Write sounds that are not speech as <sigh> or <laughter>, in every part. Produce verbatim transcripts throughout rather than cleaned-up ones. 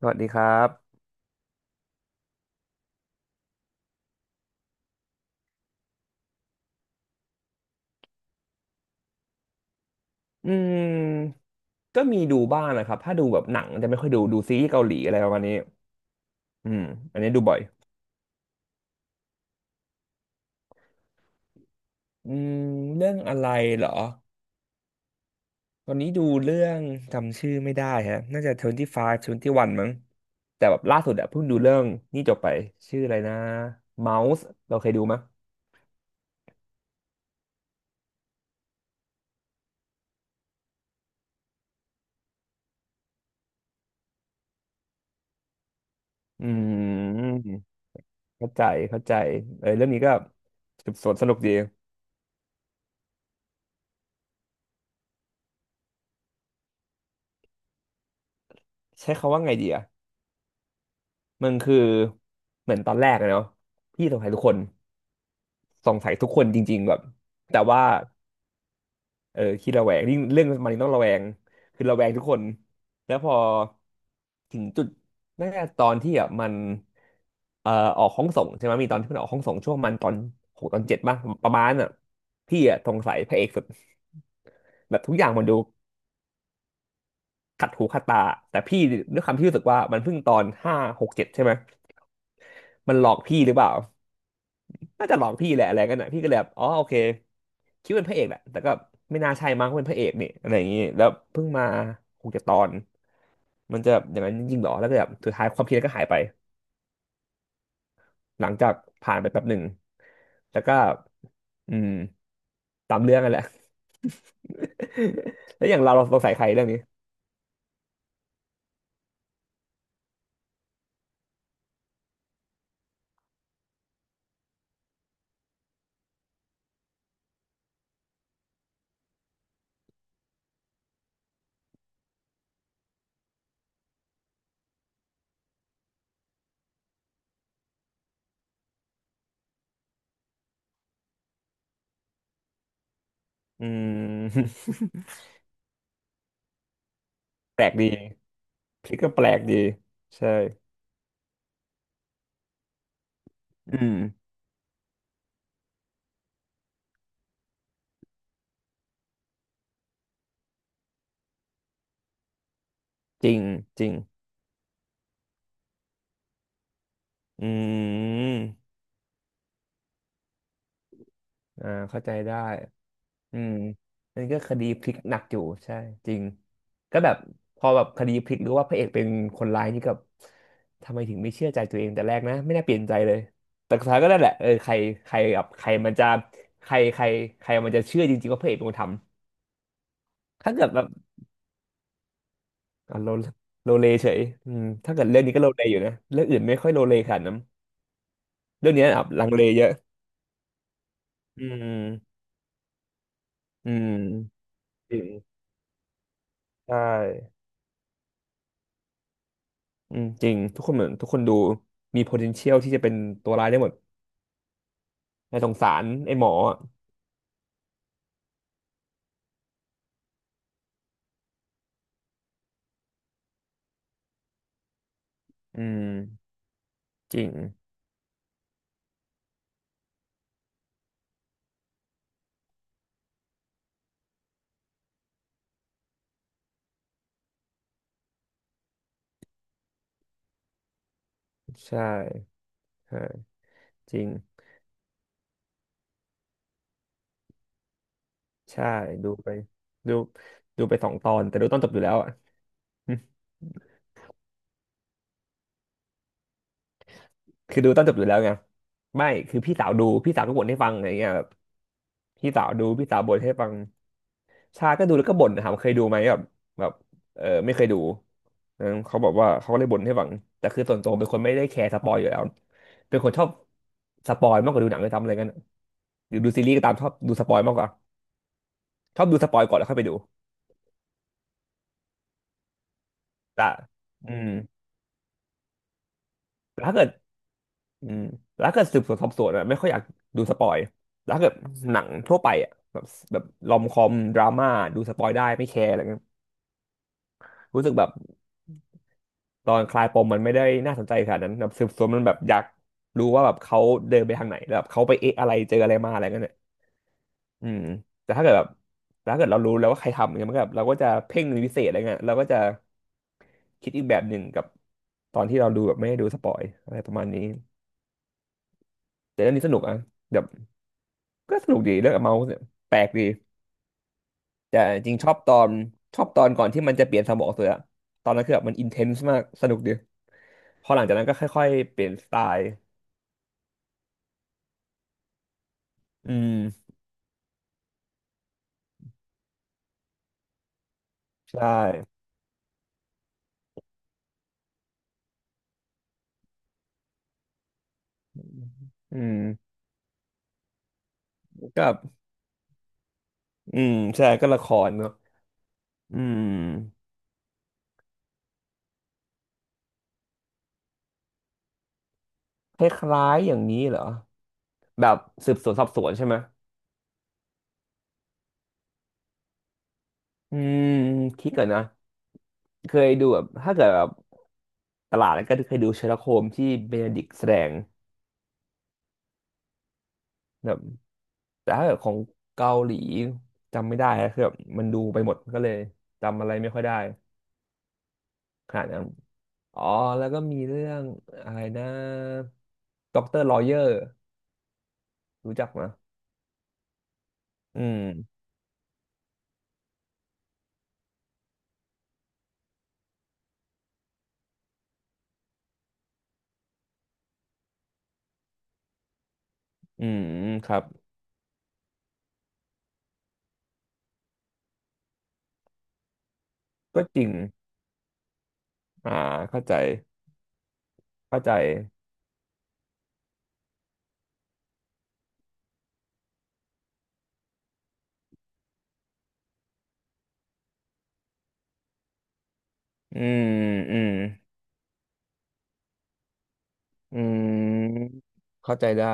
สวัสดีครับ อืมก็มีดูบ้างนะครับถ้าดูแบบหนังจะไม่ค่อยดูดูซีรีส์เกาหลีอะไรประมาณนี้อืมอันนี้ดูบ่อยอืมเรื่องอะไรเหรอตอนนี้ดูเรื่องจำชื่อไม่ได้ฮะน่าจะยี่สิบห้า ยี่สิบเอ็ดมั้ง แต่แบบล่าสุดอะเพิ่งดูเรื่องนี่จบไป ชื่ออะไรนะ Mouse เราเคยดูมั้ยอืมเข้าใจเข้าใจเออเรื่องนี้ก็สืบสวนสนุกดี ใช้คำว่าไงดีอะมันคือเหมือนตอนแรกอะเนาะพี่สงสัยทุกคน สงสัยทุกคนจริงๆแบบแต่ว่าเออขี้ระแวงยิ่งเรื่องมันต้องระแวงคือระแวงทุกคนแล้วพอถึงจุดน่าจะตอนที่อ่ะมันเอ่อออกห้องส่งใช่ไหมมีตอนที่มันออกห้องส่งช่วงมันตอนหกตอนเจ็ดป่ะประมาณน่ะพี่อ่ะสงสัยพระเอกสุดแบบทุกอย่างมันดูขัดหูขัดตาแต่พี่ด้วยความที่รู้สึกว่ามันเพิ่งตอนห้าหกเจ็ดใช่ไหมมันหลอกพี่หรือเปล่า น่าจะหลอกพี่แหละอะไรกันน่ะพี่ก็เลยแบบอ๋อโอเคคิดว่าเป็นพระเอกแหละแต่ก็ไม่น่าใช่มั้งเป็นพระเอกนี่อะไรอย่างงี้แล้วเพิ่งมาคงจะตอนมันจะอย่างนั้นจริงๆหรอแล้วก็แบบสุดท้ายความคิดนั้นก็หายไปหลังจากผ่านไปแป๊บหนึ่งแล้วก็อืมตามเรื่องกันแหละ <laughs> แล้วอย่างเราเราสงสัยใครเรื่องนี้อืม <laughs> แปลกดีพี่ก็แปลกดีใช่อืมจริงจริงอืมอ่าเข้าใจได้ อืมนั่นก็คดีพลิกหนักอยู่ใช่จริงก็แบบพอแบบคดีพลิกหรือว่าพระเอกเป็นคนร้ายนี่กับทำไมถึงไม่เชื่อใจตัวเองแต่แรกนะไม่น่าเปลี่ยนใจเลยแต่สุดท้ายก็นั่นแหละเออใครใครกับใครมันจะใครใครใครมันจะเชื่อจริงๆว่าพระเอกเป็นคนทำถ้าเกิดแบบอ่ะโลโลเลเฉยอืมถ้าเกิดเรื่องนี้ก็โลเลอยู่นะเรื่องอื่นไม่ค่อยโลเลขนาดนั้นเรื่องนี้อ่ะลังเลเยอะอืมอืมจริงใช่อืมจริงทุกคนเหมือนทุกคนดูมี potential ที่จะเป็นตัวร้ายได้หมด แต่สงสารไอ้หมออะอืมจริงใช่ใช่จริง ใช่ ดูไป ดูดูไปสองตอน แต่ดูตอนจบอยู่แล้วอ่ะ <laughs> คือดูตอนจบอยู่แล้วไงไม่คือพี่สาวดูพี่สาวก็บ่นให้ฟังอะไรเงี้ยแบบพี่สาวดูพี่สาวบ่นให้ฟังชาก็ดูแล้วก็บ่นถามเคยดูไหมแบบแบบเออไม่เคยดูนะเขาบอกว่าเขาก็เลยบ่นให้ฟังแต่คือส่วนตัวเป็นคนไม่ได้แคร์สปอยอยู่แล้ว เป็นคนชอบสปอยมากกว่าดูหนังเลยทำอะไรกันหรือดูซีรีส์ก็ตามชอบดูสปอยมากกว่า ชอบดูสปอยก่อนแล้วค่อยไปดูแต่อืมแต่ถ้าเกิดอืมแต่ถ้าเกิดสืบสวนสอบสวนอะไม่ค่อยอยากดูสปอยแต่ถ้าเกิดหนังทั่วไปอะแบบแบบรอมคอมดราม่าดูสปอยได้ไม่แคร์อะไรเงี้ยรู้สึกแบบตอนคลายปมมันไม่ได้น่าสนใจขนาดนั้นแบบสืบสวนมันแบบอยากรู้ว่าแบบเขาเดินไปทางไหนแล้วแบบเขาไปเอะอะไรเจออะไรมาอะไรเงี้ยเนี่ยอืมแต่ถ้าเกิดแบบแต่ถ้าเกิดเรารู้แล้วว่าใครทำเนี่ยมันก็แบบเราก็จะเพ่งเป็นพิเศษอะไรเงี้ยเราก็จะคิดอีกแบบหนึ่งกับตอนที่เราดูแบบไม่ได้ดูสปอยอะไรประมาณนี้ แต่เรื่องนี้สนุกอ่ะแบบก็สนุกดีเรื่องเมาส์เนี่ยแปลกดีแต่จริงชอบตอนชอบตอนก่อนที่มันจะเปลี่ยนสมองตัวอะตอนนั้นคือแบบมันอินเทนส์มากสนุกดีพอหลังจากนั้นก็ค่อยๆเปลี่ยนสไตล์อืมใช่อืมก็แบบอืมใช่ก็ละครเนอะอืมคล้ายๆอย่างนี้เหรอแบบสืบสวนสอบสวนใช่ไหมอืมคิดก่อนนะเคยดูแบบถ้าเกิดแบบตลาดแล้วก็เคยดูเชอร์ล็อกโฮมที่เบนดิกต์แสดง แต่ถ้าเกิดของเกาหลีจำไม่ได้อะคือแบบมันดูไปหมดก็เลยจำอะไรไม่ค่อยได้ขนาดนั้นอ๋อแล้วก็มีเรื่องอะไรนะด็อกเตอร์ลอเยอร์รู้จักไหมอืมอืมครับก็จริงอ่าเข้าใจเข้าใจอืมอืมอืมเข้าใจได้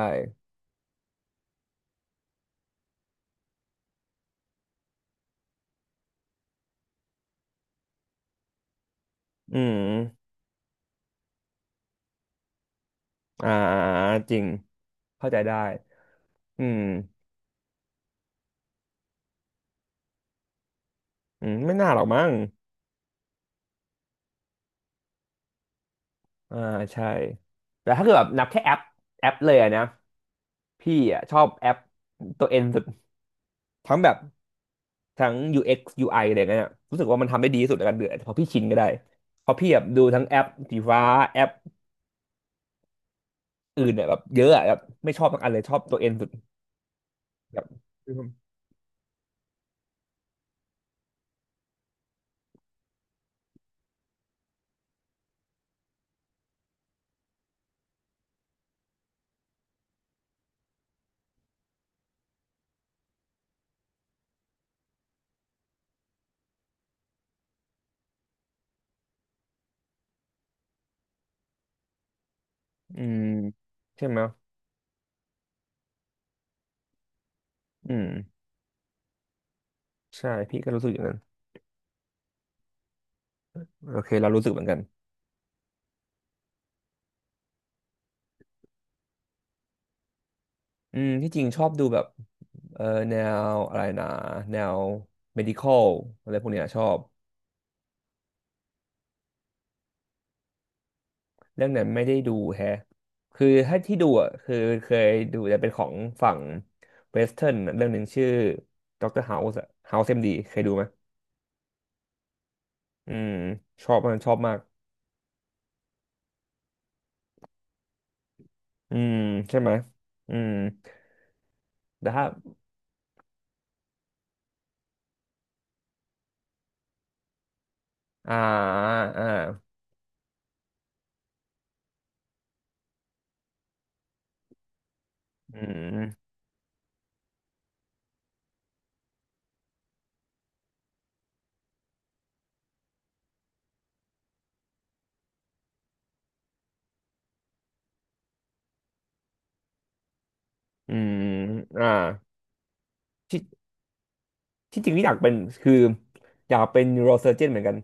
อืมอ่าอ่าอ่าจริงเข้าใจได้อืมอืมไม่น่าหรอกมั้งอ่าใช่แต่ถ้าเกิดแบบนับแค่แอปแอปเลยอะนะ พี่อ่ะชอบแอปตัวเอ็นสุดทั้งแบบทั้ง ยู เอ็กซ์ ยู ไอ อกซ์ยูไออะไรเงี้ยรู้สึกว่ามันทำได้ดีที่สุดในการเดือดพอพี่ชินก็ได้เพอพี่แบบดูทั้งแอปสีฟ้าแอปอื่นเนี่ยแบบเยอะอะแบบไม่ชอบสักอันเลยชอบตัวเอ็นสุดแบบอืมใช่ไหมอืมใช่พี่ก็รู้สึกอย่างนั้นโอเคเรารู้สึกเหมือนกันอืมที่จริงชอบดูแบบเออแนวอะไรนะแนว medical อะไรพวกเนี้ยชอบ เรื่องนั้นไม่ได้ดูแฮะคือถ้าที่ดูอ่ะคือเคยดูแต่เป็นของฝั่งเวสเทิร์น เรื่องหนึ่งชื่อด็อกเตอร์เฮาส์เฮาส์เอ็มดีเคยดูไหมอืมชอบมันชอบมาก อืมใช่ไหมอืมแต่ถ้า อ่าอ่าอืมอืมอ่าที่ที่จริงที่อยากเป็นคืออยากเป็น neurosurgeon เหมือนกัน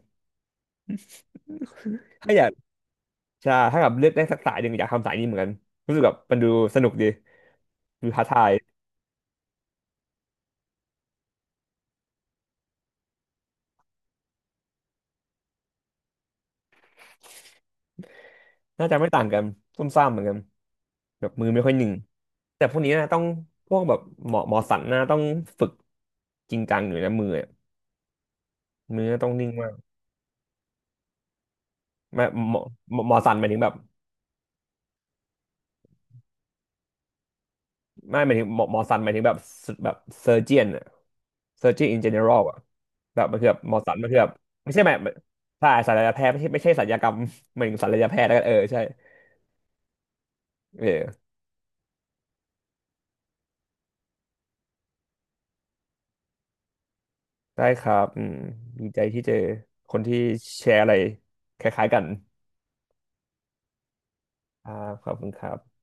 ถ้าอยากใช่ถ้าแบบเลือกได้สักสายหนึ่งอยากทำสายนี้เหมือนกันรู้สึกแบบมันดูสนุกดีดูท้าทาย น่าจะไม่ต่างกันซุ่มซ่ามเหมือนกันแบบมือไม่ค่อยหนึ่งแต่พวกนี้นะต้องพวกแบบหมอหมอสันนะต้องฝึกจริงจังหน่อยนะมืออะมือต้องนิ่งมากไม่หมอหมอหมอสันหมายถึงแบบไม่หมายถึงหมอหมอสันหมายถึงแบบแบบเซอร์เจียนอะเซอร์เจียนอินเจเนอรัลอะแบบมันคือแบบหมอสันมันคือแบบไม่ใช่แบบใช่ศัลยแพทย์ไม่ใช่ไม่ใช่ศัลยกรรม <laughs> หมายถึงศัลยแพทย์แล้วกันเออใช่เออได้ครับอืมดีใจที่เจอคนที่แชร์อะไรคล้ายๆกันครับขอบคุณครับ